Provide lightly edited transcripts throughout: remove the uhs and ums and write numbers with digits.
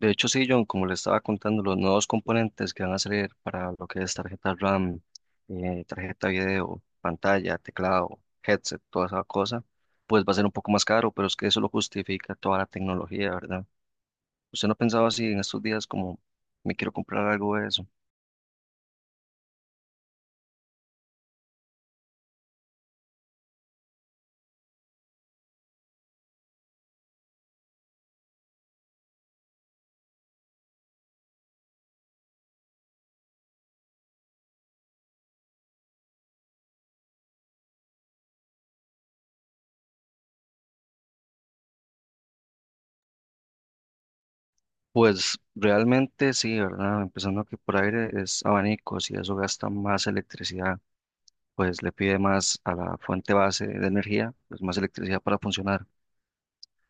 De hecho, sí, John, como le estaba contando, los nuevos componentes que van a salir para lo que es tarjeta RAM, tarjeta video, pantalla, teclado, headset, toda esa cosa, pues va a ser un poco más caro, pero es que eso lo justifica toda la tecnología, ¿verdad? ¿Usted no pensaba así en estos días como me quiero comprar algo de eso? Pues realmente sí, ¿verdad? Empezando que por aire es abanicos y eso gasta más electricidad, pues le pide más a la fuente base de energía, pues más electricidad para funcionar.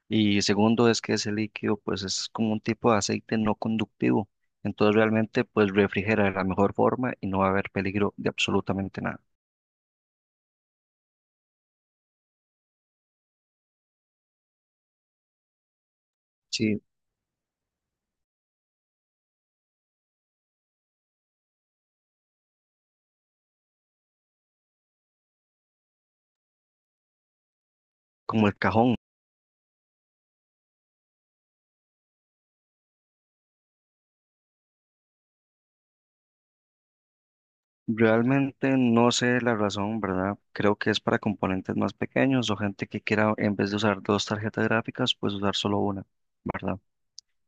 Y segundo es que ese líquido pues es como un tipo de aceite no conductivo. Entonces realmente pues refrigera de la mejor forma y no va a haber peligro de absolutamente nada. Sí, como el cajón. Realmente no sé la razón, ¿verdad? Creo que es para componentes más pequeños o gente que quiera en vez de usar dos tarjetas gráficas pues usar solo una, ¿verdad?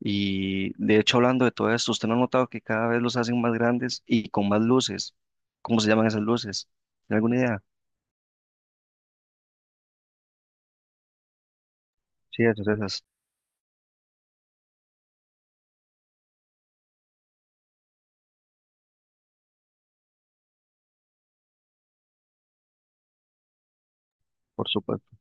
Y de hecho hablando de todo esto, ¿usted no ha notado que cada vez los hacen más grandes y con más luces? ¿Cómo se llaman esas luces? ¿Tiene alguna idea? Sí, esas, esas, por supuesto.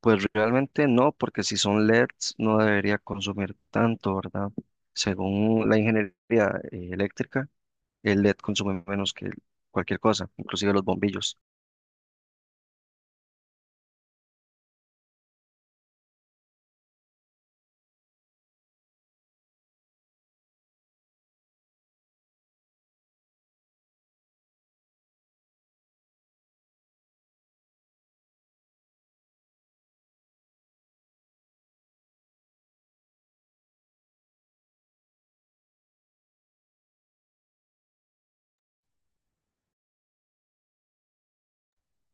Pues realmente no, porque si son LEDs no debería consumir tanto, ¿verdad? Según la ingeniería eléctrica, el LED consume menos que cualquier cosa, inclusive los bombillos.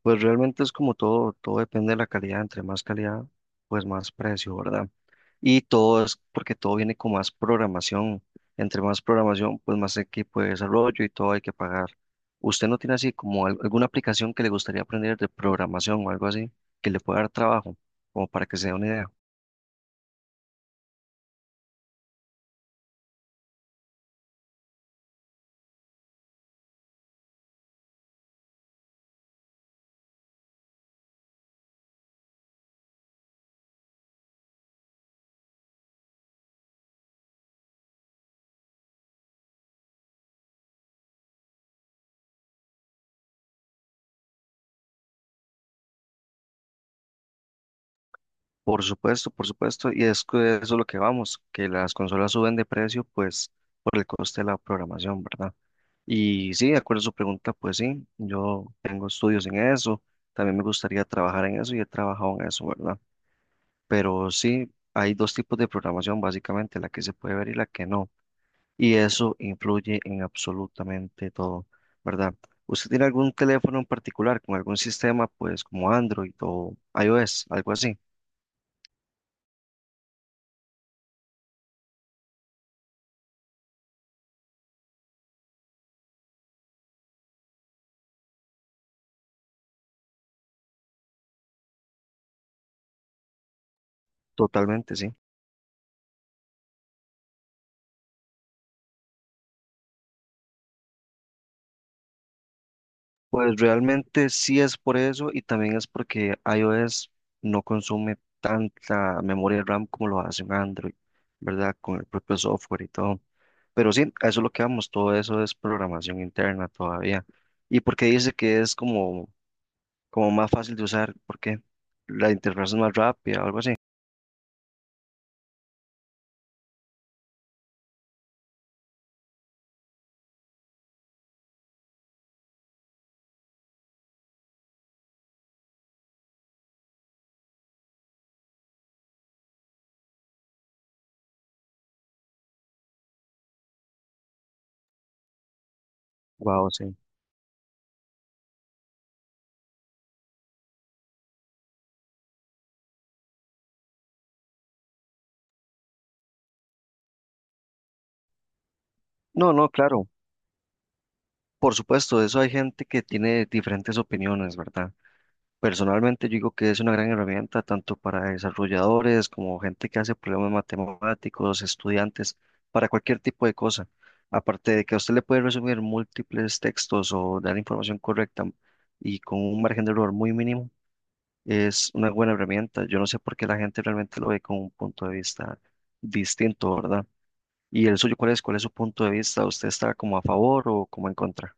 Pues realmente es como todo, todo depende de la calidad, entre más calidad, pues más precio, ¿verdad? Y todo es porque todo viene con más programación. Entre más programación, pues más equipo de desarrollo y todo hay que pagar. ¿Usted no tiene así como alguna aplicación que le gustaría aprender de programación o algo así que le pueda dar trabajo, como para que se dé una idea? Por supuesto, y es que eso es lo que vamos, que las consolas suben de precio, pues por el coste de la programación, ¿verdad? Y sí, de acuerdo a su pregunta, pues sí, yo tengo estudios en eso, también me gustaría trabajar en eso y he trabajado en eso, ¿verdad? Pero sí, hay dos tipos de programación, básicamente, la que se puede ver y la que no. Y eso influye en absolutamente todo, ¿verdad? ¿Usted tiene algún teléfono en particular con algún sistema, pues como Android o iOS, algo así? Totalmente, sí. Pues realmente sí es por eso y también es porque iOS no consume tanta memoria RAM como lo hace un Android, ¿verdad? Con el propio software y todo. Pero sí, a eso es lo que vamos, todo eso es programación interna todavía. ¿Y por qué dice que es como, como más fácil de usar? ¿Por qué? ¿La interfaz es más rápida o algo así? Wow, sí. No, no, claro. Por supuesto, eso hay gente que tiene diferentes opiniones, ¿verdad? Personalmente yo digo que es una gran herramienta tanto para desarrolladores como gente que hace problemas matemáticos, estudiantes, para cualquier tipo de cosa. Aparte de que a usted le puede resumir múltiples textos o dar información correcta y con un margen de error muy mínimo, es una buena herramienta. Yo no sé por qué la gente realmente lo ve con un punto de vista distinto, ¿verdad? ¿Y el suyo cuál es? ¿Cuál es su punto de vista? ¿Usted está como a favor o como en contra?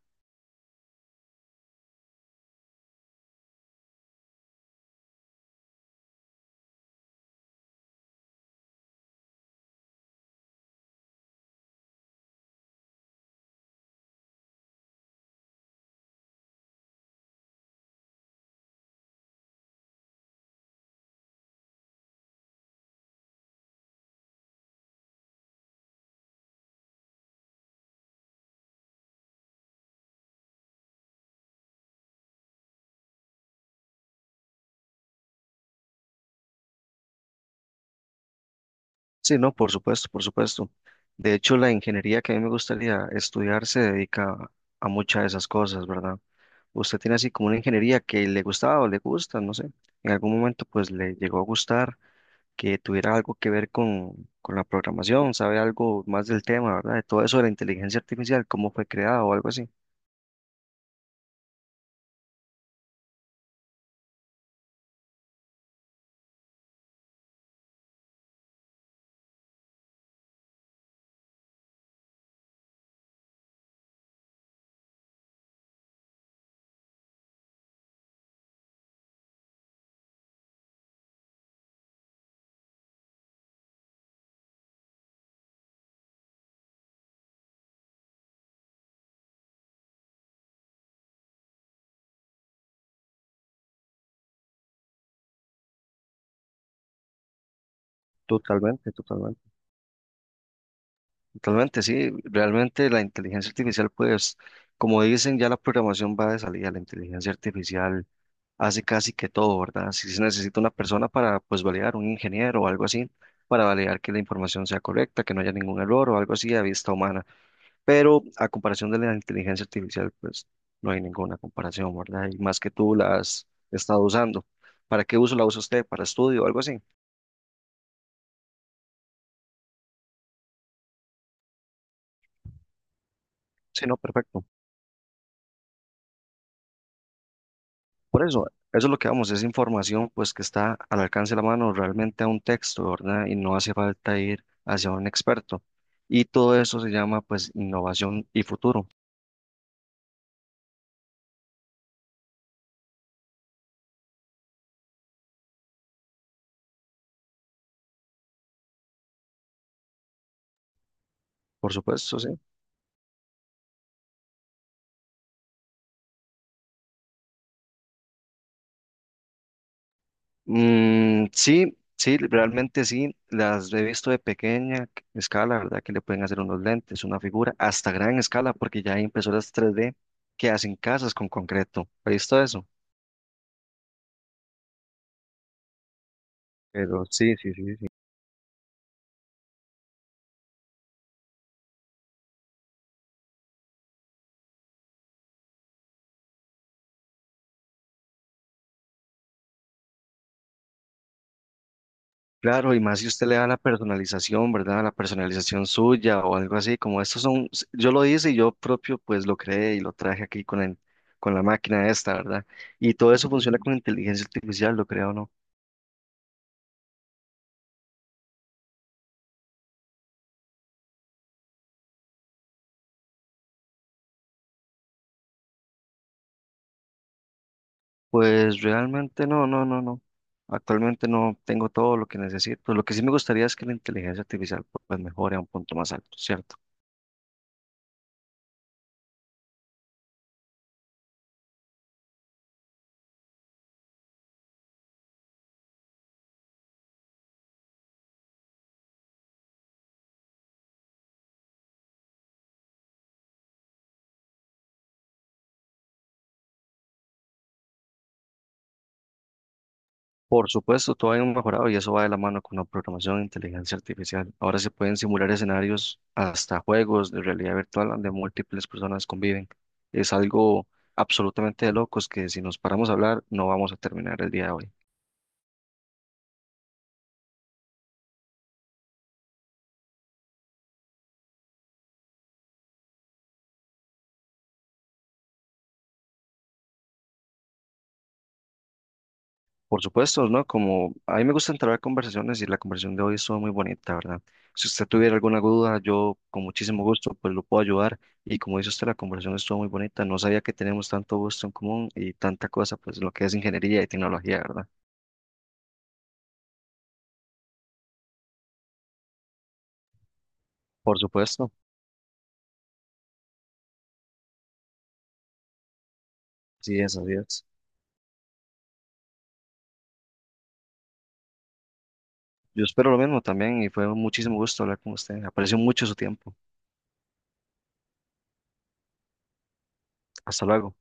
Sí, no, por supuesto, por supuesto. De hecho, la ingeniería que a mí me gustaría estudiar se dedica a muchas de esas cosas, ¿verdad? Usted tiene así como una ingeniería que le gustaba o le gusta, no sé. En algún momento, pues le llegó a gustar que tuviera algo que ver con la programación, sabe algo más del tema, ¿verdad? De todo eso de la inteligencia artificial, cómo fue creada o algo así. Totalmente, totalmente. Totalmente, sí. Realmente la inteligencia artificial, pues, como dicen, ya la programación va de salida, la inteligencia artificial hace casi que todo, ¿verdad? Si se necesita una persona para, pues, validar, un ingeniero o algo así, para validar que la información sea correcta, que no haya ningún error o algo así a vista humana. Pero a comparación de la inteligencia artificial, pues, no hay ninguna comparación, ¿verdad? Y más que tú la has estado usando. ¿Para qué uso la usa usted? ¿Para estudio o algo así? Sí, no, perfecto. Por eso, eso es lo que vamos, es información pues que está al alcance de la mano realmente a un texto, ¿verdad? Y no hace falta ir hacia un experto. Y todo eso se llama pues innovación y futuro. Por supuesto, sí. Mm, sí, sí, realmente sí, las he visto de pequeña escala, ¿verdad? Que le pueden hacer unos lentes, una figura, hasta gran escala, porque ya hay impresoras 3D que hacen casas con concreto. ¿Ha visto eso? Pero sí, sí, sí, sí. Claro, y más si usted le da la personalización, ¿verdad? La personalización suya o algo así, como estos son, yo lo hice y yo propio pues lo creé y lo traje aquí con el, con la máquina esta, ¿verdad? Y todo eso funciona con inteligencia artificial, lo creo, ¿no? Pues realmente no, no, no, no. Actualmente no tengo todo lo que necesito. Lo que sí me gustaría es que la inteligencia artificial pues mejore a un punto más alto, ¿cierto? Por supuesto, todo ha mejorado y eso va de la mano con la programación de inteligencia artificial. Ahora se pueden simular escenarios hasta juegos de realidad virtual donde múltiples personas conviven. Es algo absolutamente de locos que si nos paramos a hablar no vamos a terminar el día de hoy. Por supuesto, ¿no? Como a mí me gusta entrar a conversaciones y la conversación de hoy estuvo muy bonita, ¿verdad? Si usted tuviera alguna duda, yo con muchísimo gusto pues lo puedo ayudar y como dice usted, la conversación estuvo muy bonita. No sabía que tenemos tanto gusto en común y tanta cosa pues lo que es ingeniería y tecnología, ¿verdad? Por supuesto, sí es, así es. Yo espero lo mismo también y fue un muchísimo gusto hablar con usted. Aprecio mucho su tiempo. Hasta luego.